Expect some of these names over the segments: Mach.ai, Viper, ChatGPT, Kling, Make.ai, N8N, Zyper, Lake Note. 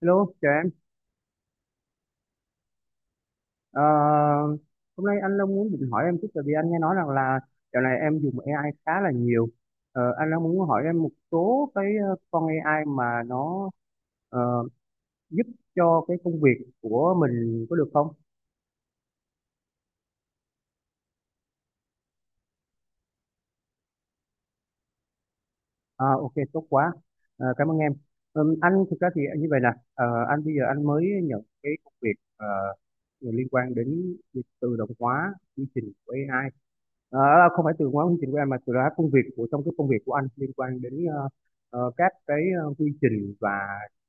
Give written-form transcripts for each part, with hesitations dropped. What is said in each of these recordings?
Hello, chào em. Ờ, Hôm nay anh Long muốn định hỏi em chút, tại vì anh nghe nói rằng là dạo này em dùng AI khá là nhiều. Anh Long muốn hỏi em một số cái con AI mà nó ờ, giúp cho cái công việc của mình có được không? À, ok, tốt quá. Cảm ơn em. Anh thực ra thì như vậy nè. Ờ, anh bây giờ anh mới nhận cái công việc liên quan đến việc tự động hóa quy trình của AI. Đó không phải từ hóa quy trình của em, mà từ đó công việc của trong cái công việc của anh liên quan đến các cái quy trình và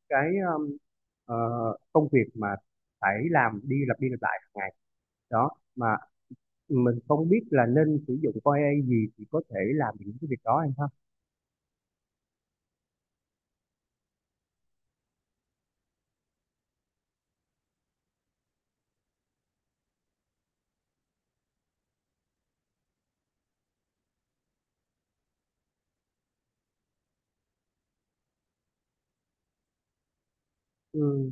cái um, ờ, công việc mà phải làm đi lặp lại hàng ngày đó, mà mình không biết là nên sử dụng con AI gì thì có thể làm những cái việc đó anh ha? Ừ.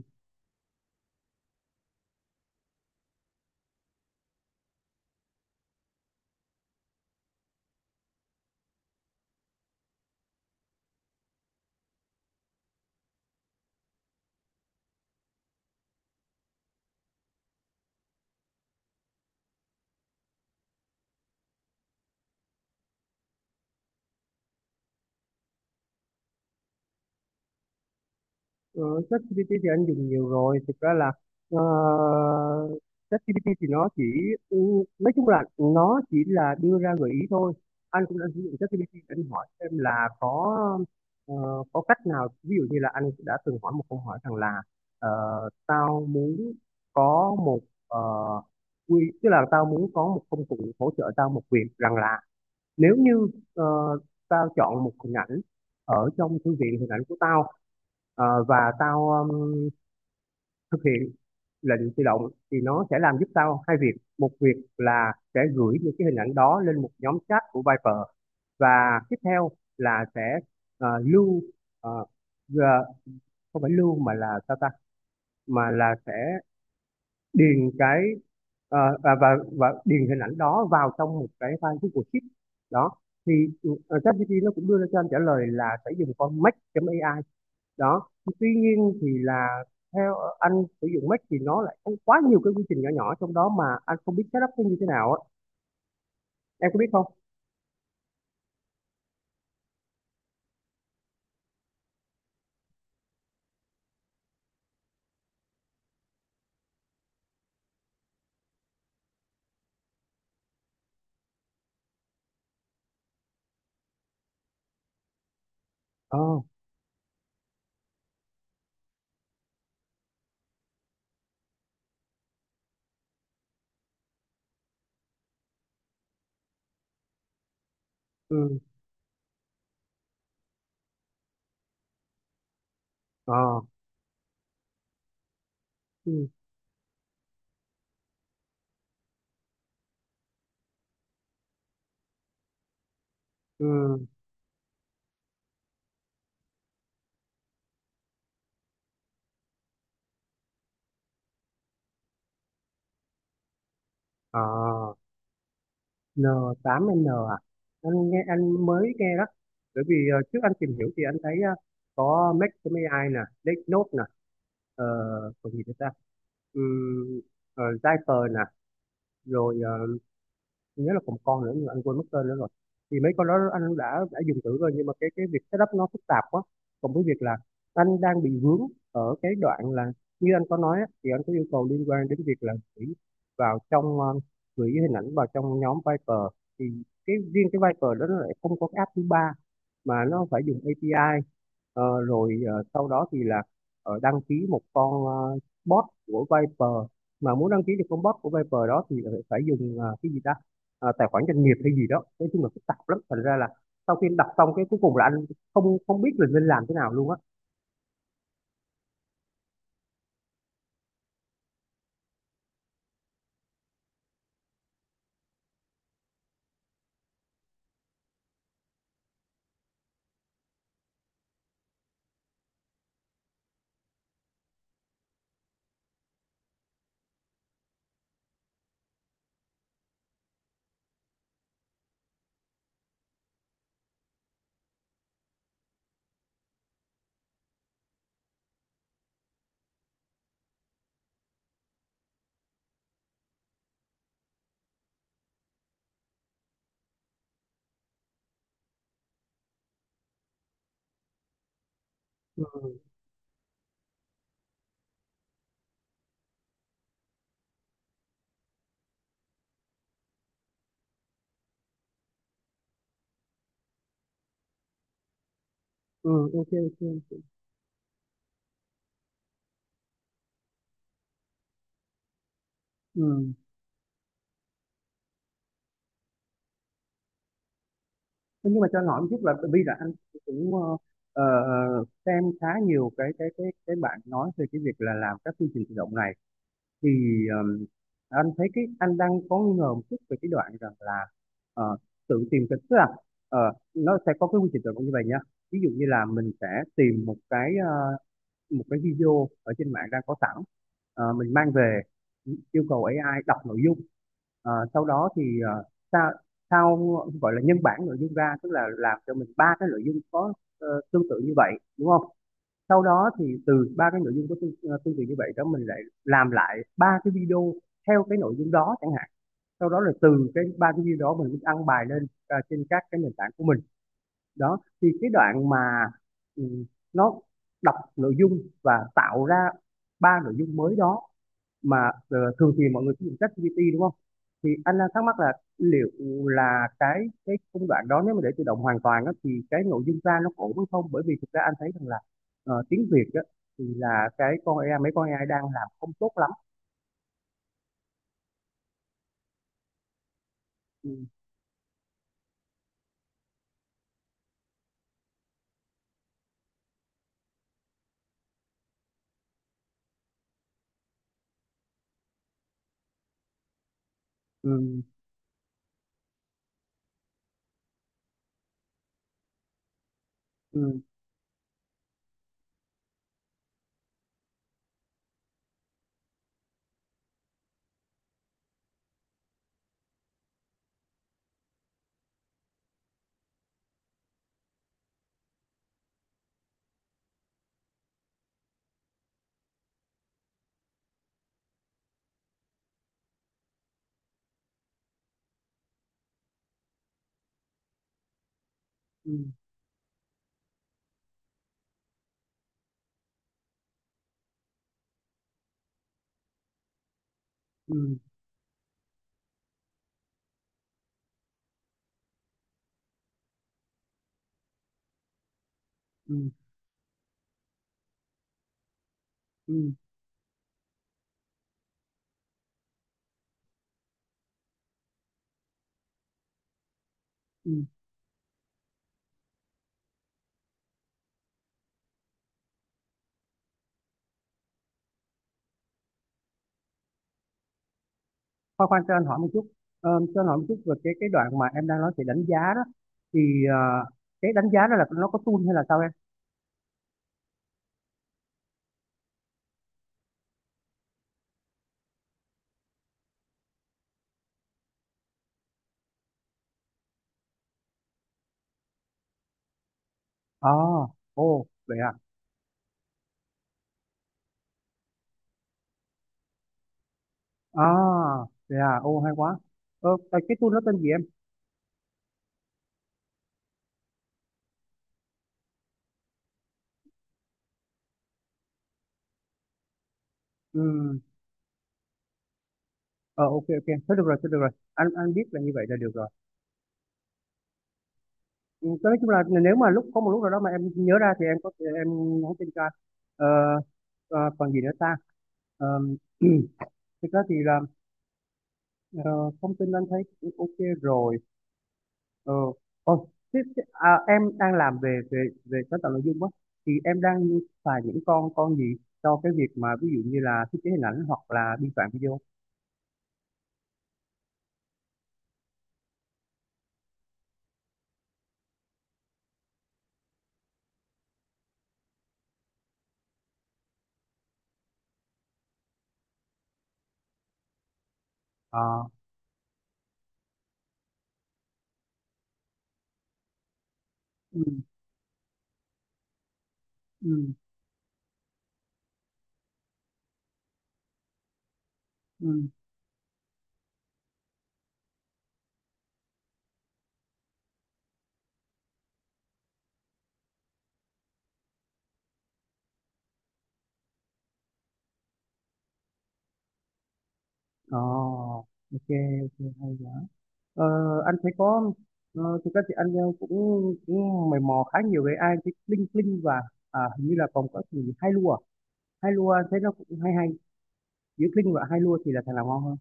Ờ, ChatGPT thì anh dùng nhiều rồi, thực ra là ờ, ChatGPT thì nó chỉ ừ, nói chung là nó chỉ là đưa ra gợi ý thôi. Anh cũng đã sử dụng ChatGPT để anh hỏi xem là ờ, có cách nào, ví dụ như là anh đã từng hỏi một câu hỏi rằng là ờ, tao muốn có một ờ, quy tức là tao muốn có một công cụ hỗ trợ tao một việc rằng là nếu như ờ, tao chọn một hình ảnh ở trong thư viện hình ảnh của tao, và tao thực hiện lệnh tự động, thì nó sẽ làm giúp tao hai việc: một việc là sẽ gửi những cái hình ảnh đó lên một nhóm chat của Viper, và tiếp theo là sẽ lưu, ờ, gờ- không phải lưu mà là sao ta, mà là sẽ điền cái ờ, và, và và điền hình ảnh đó vào trong một cái file Google Sheet. Đó thì ChatGPT nó cũng đưa ra cho anh trả lời là sẽ dùng con Mach.ai. Đó, tuy nhiên thì là theo anh sử dụng Mach thì nó lại có quá nhiều cái quy trình nhỏ nhỏ trong đó mà anh không biết setup nó như thế nào á. Em có biết không? ờ ừ. ờ ừ. Ừ. ờ N8N à? Anh mới nghe đó. Bởi vì trước anh tìm hiểu thì anh thấy có Make.ai nè, Lake Note nè, ờ, còn gì nữa ta? Um, Zyper nè, rồi nhớ là còn một con nữa nhưng mà anh quên mất tên nữa rồi. Thì mấy con đó anh đã dùng thử rồi, nhưng mà cái việc setup nó phức tạp quá, cộng với việc là anh đang bị vướng ở cái đoạn là, như anh có nói á, thì anh có yêu cầu liên quan đến việc là vào trong ờ, gửi hình ảnh vào trong nhóm Viper. Thì cái riêng cái Viper đó nó lại không có cái app thứ ba, mà nó phải dùng API. Rồi sau đó thì là đăng ký một con bot của Viper, mà muốn đăng ký được con bot của Viper đó thì lại phải dùng cái gì ta, tài khoản doanh nghiệp hay gì đó, nói chung là phức tạp lắm, thành ra là sau khi anh đọc xong cái cuối cùng là anh không không biết là nên làm thế nào luôn á. Ừ, ừ, ok, ok, ừ. Thế nhưng mà cho anh hỏi một chút là, bởi vì là anh cũng ờ, xem khá nhiều cái bạn nói về cái việc là làm các chương trình tự động này, thì ờm, anh thấy cái anh đang có nghi ngờ một chút về cái đoạn rằng là ờ, tự tìm cái tức là ờ, nó sẽ có cái quy trình tự động như vậy nhá. Ví dụ như là mình sẽ tìm một cái video ở trên mạng đang có sẵn. Mình mang về yêu cầu AI đọc nội dung. Sau đó thì ờ, sao sao gọi là nhân bản nội dung ra, tức là làm cho mình ba cái nội dung có tương tự như vậy, đúng không? Sau đó thì từ ba cái nội dung có tương tự như vậy đó, mình lại làm lại ba cái video theo cái nội dung đó chẳng hạn. Sau đó là từ cái ba cái video đó mình mới đăng bài lên trên các cái nền tảng của mình. Đó thì cái đoạn mà ừ, nó đọc nội dung và tạo ra ba nội dung mới đó, mà thường thì mọi người sử dụng ChatGPT đúng không, thì anh đang thắc mắc là liệu là cái công đoạn đó nếu mà để tự động hoàn toàn á, thì cái nội dung ra nó ổn hay không? Bởi vì thực ra anh thấy rằng là tiếng Việt á, thì là cái con AI mấy con AI đang làm không tốt lắm. Ừ, ừ, ừ, ừ, ừ, ừ, ừ, ừ. Ừ. Khoan khoan, cho anh hỏi một chút. Cho anh hỏi một chút về cái đoạn mà em đang nói về đánh giá đó. Thì ờ, cái đánh giá đó là nó có tool hay là sao em? À, ồ, vậy à? À, vậy à? Ồ, hay quá. Cái tool nó tên gì em? Ừ. ờ ok, ok, thôi được rồi, thôi được rồi, anh biết là như vậy là được rồi. Ừ, nói chung là nếu mà lúc có một lúc nào đó mà em nhớ ra thì em có thể nhắn tin cho anh. ờ, Còn gì nữa ta? Ờ, Thực ra thì là ờ, thông tin anh thấy cũng ok rồi. Ờ, tiếp à, em đang làm về về về sáng tạo nội dung á, thì em đang xài những con gì cho cái việc mà ví dụ như là thiết kế hình ảnh hoặc là biên soạn video? Ờ, ừ, ừ, ừ. ờ ok, ok, hay quá. ờ, anh thấy có thực ra thì anh cũng cũng mày mò khá nhiều về AI, cái Kling Kling và, à, hình như là còn có cái gì hai lua. Hai lua anh thấy nó cũng hay hay. Giữa Kling và hai lua thì là thằng nào ngon hơn?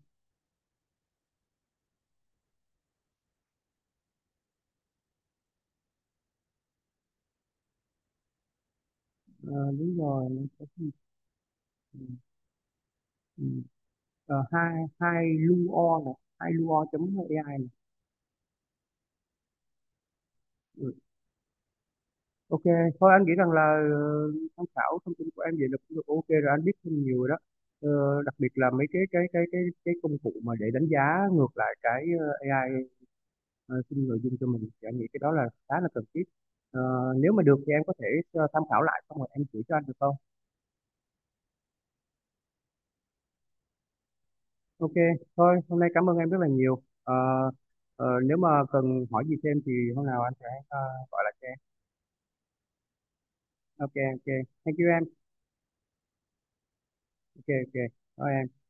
Ờ, Đúng rồi, nó có cái gì. Ừ. Ừ. Ờ, hai hai luo này, hai luo chấm ai này. Ừ. Ok thôi anh nghĩ rằng là tham khảo thông tin của em vậy là cũng được ok rồi, anh biết thêm nhiều rồi đó. Đặc biệt là mấy cái công cụ mà để đánh giá ngược lại cái AI sinh nội dung cho mình, thì anh nghĩ cái đó là khá là cần thiết. Ờ, Nếu mà được thì em có thể tham khảo lại xong rồi em gửi cho anh được không? Ok, thôi hôm nay cảm ơn em rất là nhiều. Ờ, Nếu mà cần hỏi gì thêm thì hôm nào anh sẽ gọi lại cho em. Ok, ok, thank you em. Ok, ok, thôi em.